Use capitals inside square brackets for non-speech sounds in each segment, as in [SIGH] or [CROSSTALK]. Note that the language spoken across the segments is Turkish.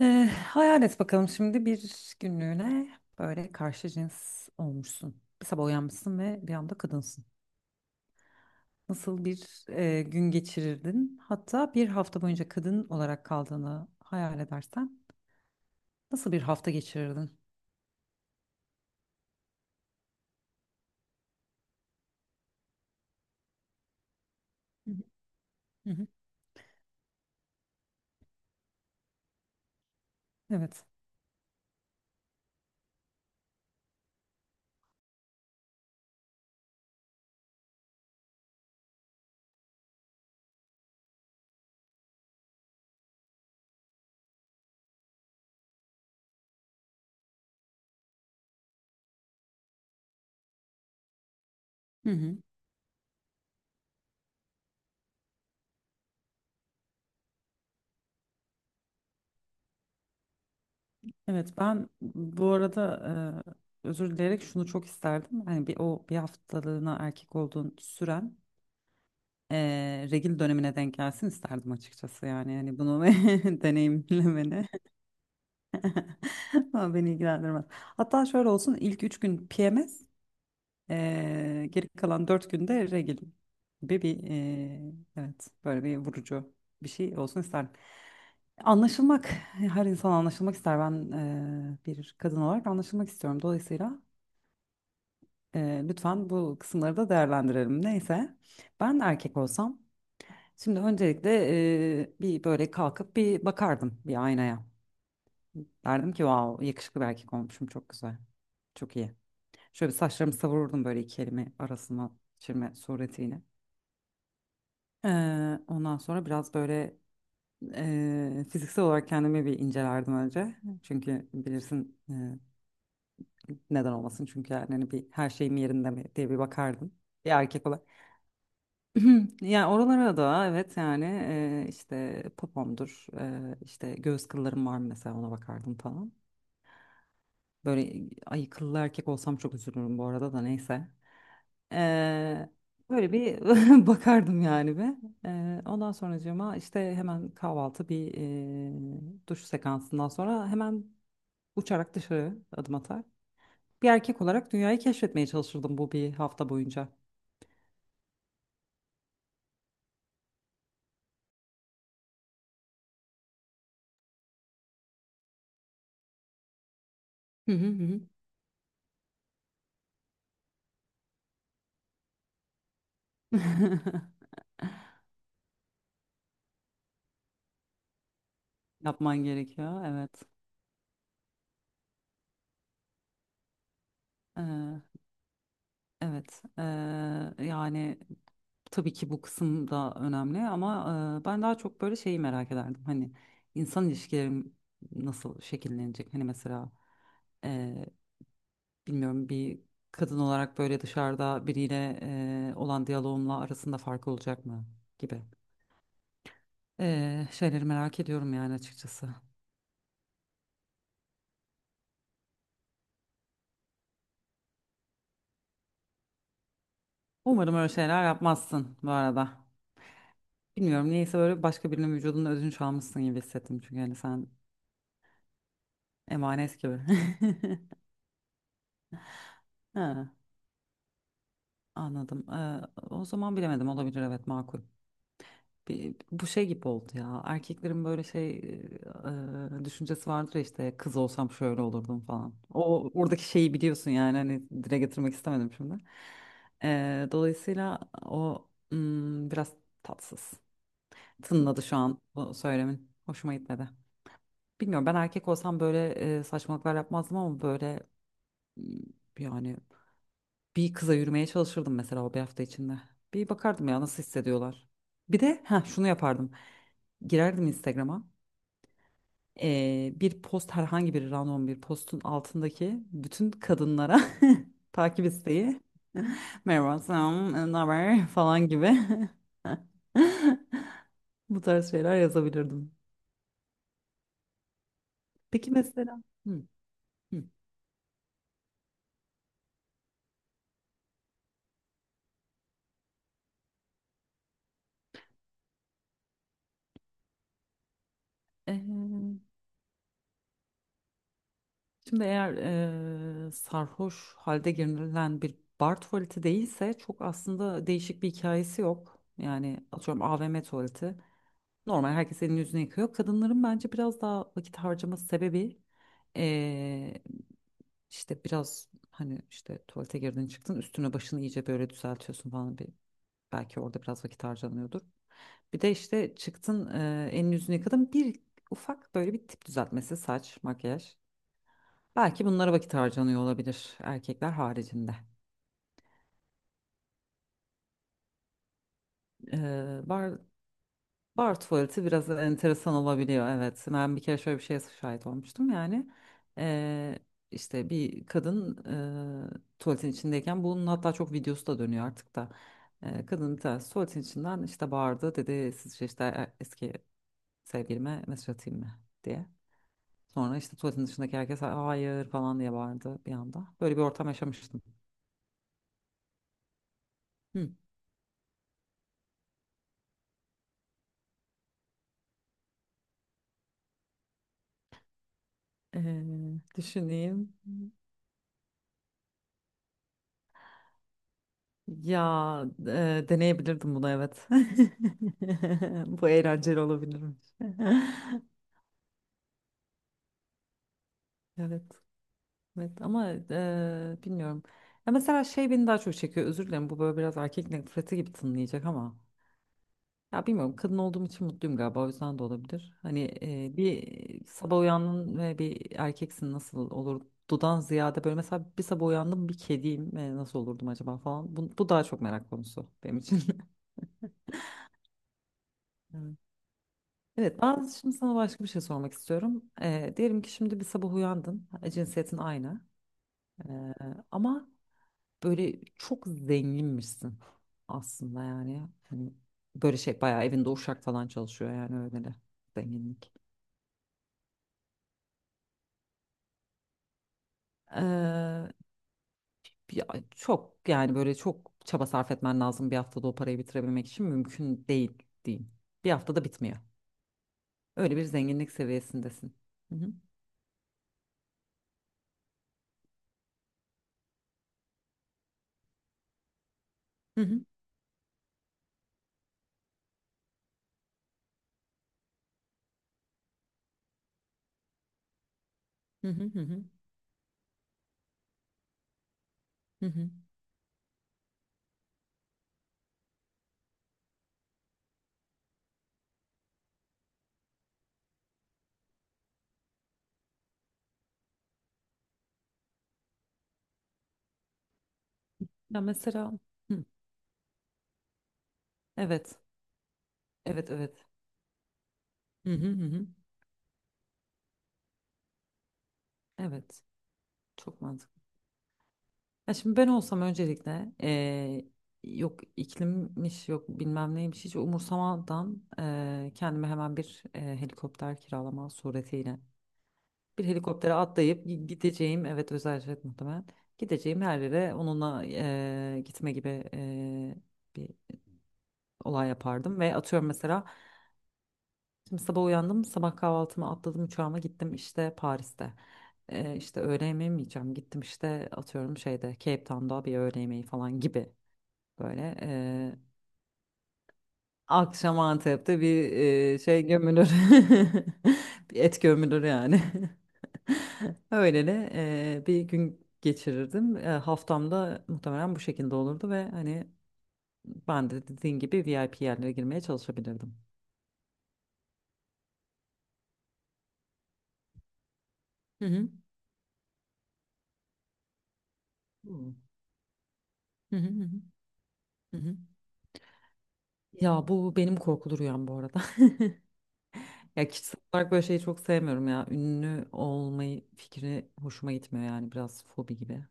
Ee, Hayal et bakalım şimdi bir günlüğüne böyle karşı cins olmuşsun. Bir sabah uyanmışsın ve bir anda kadınsın. Nasıl bir gün geçirirdin? Hatta bir hafta boyunca kadın olarak kaldığını hayal edersen nasıl bir hafta geçirirdin? Hı hı. Hı hı. Evet. Hı hı. Evet, ben bu arada özür dileyerek şunu çok isterdim. Hani bir o bir haftalığına erkek olduğun süren regil dönemine denk gelsin isterdim açıkçası, yani hani bunu [LAUGHS] deneyimlemeni [LAUGHS] ama beni ilgilendirmez. Hatta şöyle olsun: ilk üç gün PMS, geri kalan dört günde regil gibi bir evet böyle bir vurucu bir şey olsun isterdim. Anlaşılmak, her insan anlaşılmak ister, ben bir kadın olarak anlaşılmak istiyorum, dolayısıyla lütfen bu kısımları da değerlendirelim. Neyse, ben erkek olsam, şimdi öncelikle bir böyle kalkıp bir bakardım bir aynaya. Derdim ki wow, yakışıklı bir erkek olmuşum, çok güzel. Çok iyi. Şöyle bir saçlarımı savururdum böyle iki elimi arasına çirme suretiyle. Ee, Ondan sonra biraz böyle fiziksel olarak kendimi bir incelerdim önce. Çünkü bilirsin, neden olmasın, çünkü yani hani bir her şeyim yerinde mi diye bir bakardım. Bir erkek olarak. Hı, yani oralara da evet yani işte popomdur, işte göğüs kıllarım var mı mesela, ona bakardım falan. Böyle ay, kıllı erkek olsam çok üzülürüm bu arada da, neyse. E, Böyle bir [LAUGHS] bakardım yani bir. Ondan sonracığıma işte hemen kahvaltı bir duş sekansından sonra hemen uçarak dışarı adım atar. Bir erkek olarak dünyayı keşfetmeye çalışırdım bu bir hafta boyunca. Hı hı hı. [LAUGHS] Yapman gerekiyor. Evet. Ee, evet. Yani tabii ki bu kısım da önemli ama ben daha çok böyle şeyi merak ederdim. Hani insan ilişkilerim nasıl şekillenecek? Hani mesela e, bilmiyorum, bir kadın olarak böyle dışarıda biriyle olan diyaloğumla arasında fark olacak mı gibi şeyleri merak ediyorum yani açıkçası. Umarım öyle şeyler yapmazsın bu arada. Bilmiyorum niyeyse böyle başka birinin vücudunun özünü çalmışsın gibi hissettim. Çünkü hani sen emanet gibi. [LAUGHS] Ha, anladım. O zaman bilemedim, olabilir, evet, makul. Bu şey gibi oldu ya. Erkeklerin böyle şey düşüncesi vardır ya, işte kız olsam şöyle olurdum falan. O oradaki şeyi biliyorsun yani, hani dile getirmek istemedim şimdi. Dolayısıyla o biraz tatsız tınladı şu an bu söylemin. Hoşuma gitmedi. Bilmiyorum, ben erkek olsam böyle saçmalıklar yapmazdım ama böyle m, yani bir kıza yürümeye çalışırdım mesela o bir hafta içinde. Bir bakardım ya nasıl hissediyorlar. Bir de ha şunu yapardım. Girerdim Instagram'a. Bir post, herhangi bir random bir postun altındaki bütün kadınlara [LAUGHS] takip isteği. [LAUGHS] Merhaba, selam, ne haber falan gibi. [LAUGHS] Bu tarz şeyler yazabilirdim. Peki mesela. Hı, hı. Ee, Şimdi eğer sarhoş halde girilen bir bar tuvaleti değilse çok aslında değişik bir hikayesi yok. Yani atıyorum AVM tuvaleti. Normal, herkes elini yüzünü yıkıyor. Kadınların bence biraz daha vakit harcaması sebebi eee, işte biraz, hani işte tuvalete girdin çıktın, üstüne başını iyice böyle düzeltiyorsun falan, bir belki orada biraz vakit harcanıyordur. Bir de işte çıktın elini yüzünü yıkadın bir ufak böyle bir tip düzeltmesi, saç, makyaj. Belki bunlara vakit harcanıyor olabilir erkekler haricinde. Ee, bar, Bar tuvaleti biraz enteresan olabiliyor, evet. Ben bir kere şöyle bir şeye şahit olmuştum yani. Ee, işte bir kadın tuvaletin içindeyken, bunun hatta çok videosu da dönüyor artık da. Kadın, bir tanesi tuvaletin içinden işte bağırdı, dedi sizce işte eski sevgilime mesaj atayım mı diye. Sonra işte tuvaletin dışındaki herkes hayır falan diye bağırdı bir anda. Böyle bir ortam yaşamıştım. Hı. Ee, Düşüneyim. Ya, deneyebilirdim bunu, evet. [LAUGHS] Bu eğlenceli olabilirmiş. [LAUGHS] Evet. Evet ama bilmiyorum. Ya mesela şey beni daha çok çekiyor. Özür dilerim, bu böyle biraz erkek nefreti gibi tınlayacak ama. Ya bilmiyorum, kadın olduğum için mutluyum galiba, o yüzden de olabilir. Hani bir sabah uyandın ve bir erkeksin nasıl olurdudan ziyade böyle mesela bir sabah uyandım bir kediyim, nasıl olurdum acaba falan. Bu daha çok merak konusu benim için. [LAUGHS] Evet, ben şimdi sana başka bir şey sormak istiyorum. Diyelim ki şimdi bir sabah uyandın, cinsiyetin aynı. Ee, Ama böyle çok zenginmişsin aslında yani. Hani böyle şey bayağı evinde uşak falan çalışıyor yani, öyle de zenginlik. Ee, Ya çok, yani böyle çok çaba sarf etmen lazım bir haftada o parayı bitirebilmek için, mümkün değil diyeyim. Bir haftada bitmiyor. Öyle bir zenginlik seviyesindesin. Hı hı. Hı hı. Hı hı. Hı hı. Hı hı. Ya mesela, hı, evet. Evet, evet. Hı hı hı. Hı. Evet, çok mantıklı. Ya şimdi ben olsam öncelikle yok iklimmiş yok bilmem neymiş hiç umursamadan kendime hemen bir helikopter kiralama suretiyle bir helikoptere atlayıp gideceğim, evet özel jet muhtemelen, gideceğim her yere onunla, gitme gibi bir olay yapardım ve atıyorum mesela, şimdi sabah uyandım, sabah kahvaltımı atladım, uçağıma gittim işte Paris'te. İşte öğle yemeği mi yiyeceğim? Gittim işte atıyorum şeyde Cape Town'da bir öğle yemeği falan gibi böyle. Akşam Antep'te bir şey gömülür. [LAUGHS] Bir et gömülür yani. [LAUGHS] Öyle de bir gün geçirirdim. Haftamda muhtemelen bu şekilde olurdu ve hani ben de dediğin gibi VIP yerlere girmeye çalışabilirdim. Hı hı. Hı hı hı hı. Hı hı. Ya bu benim korkulu rüyam bu arada. [LAUGHS] Ya kişisel olarak böyle şeyi çok sevmiyorum ya. Ünlü olmayı fikri hoşuma gitmiyor yani, biraz fobi gibi.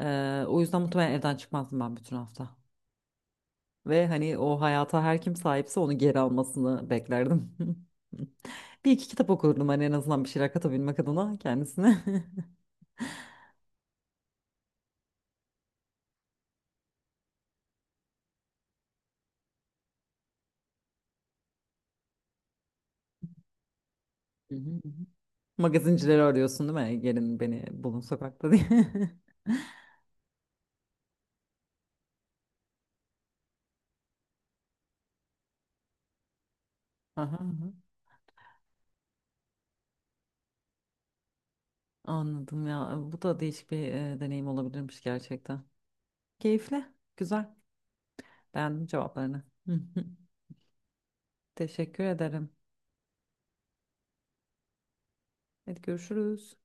O yüzden muhtemelen evden çıkmazdım ben bütün hafta. Ve hani o hayata her kim sahipse onu geri almasını beklerdim. [LAUGHS] Bir iki kitap okurdum hani en azından bir şeyler katabilmek adına kendisine. [LAUGHS] Hı hı, hı hı. [LAUGHS] Magazincileri arıyorsun değil mi? Gelin beni bulun sokakta diye. [LAUGHS] Aha, aha. Anladım ya. Bu da değişik bir deneyim olabilirmiş gerçekten. Keyifli. Güzel. Beğendim cevaplarını. [LAUGHS] Teşekkür ederim. Hadi görüşürüz.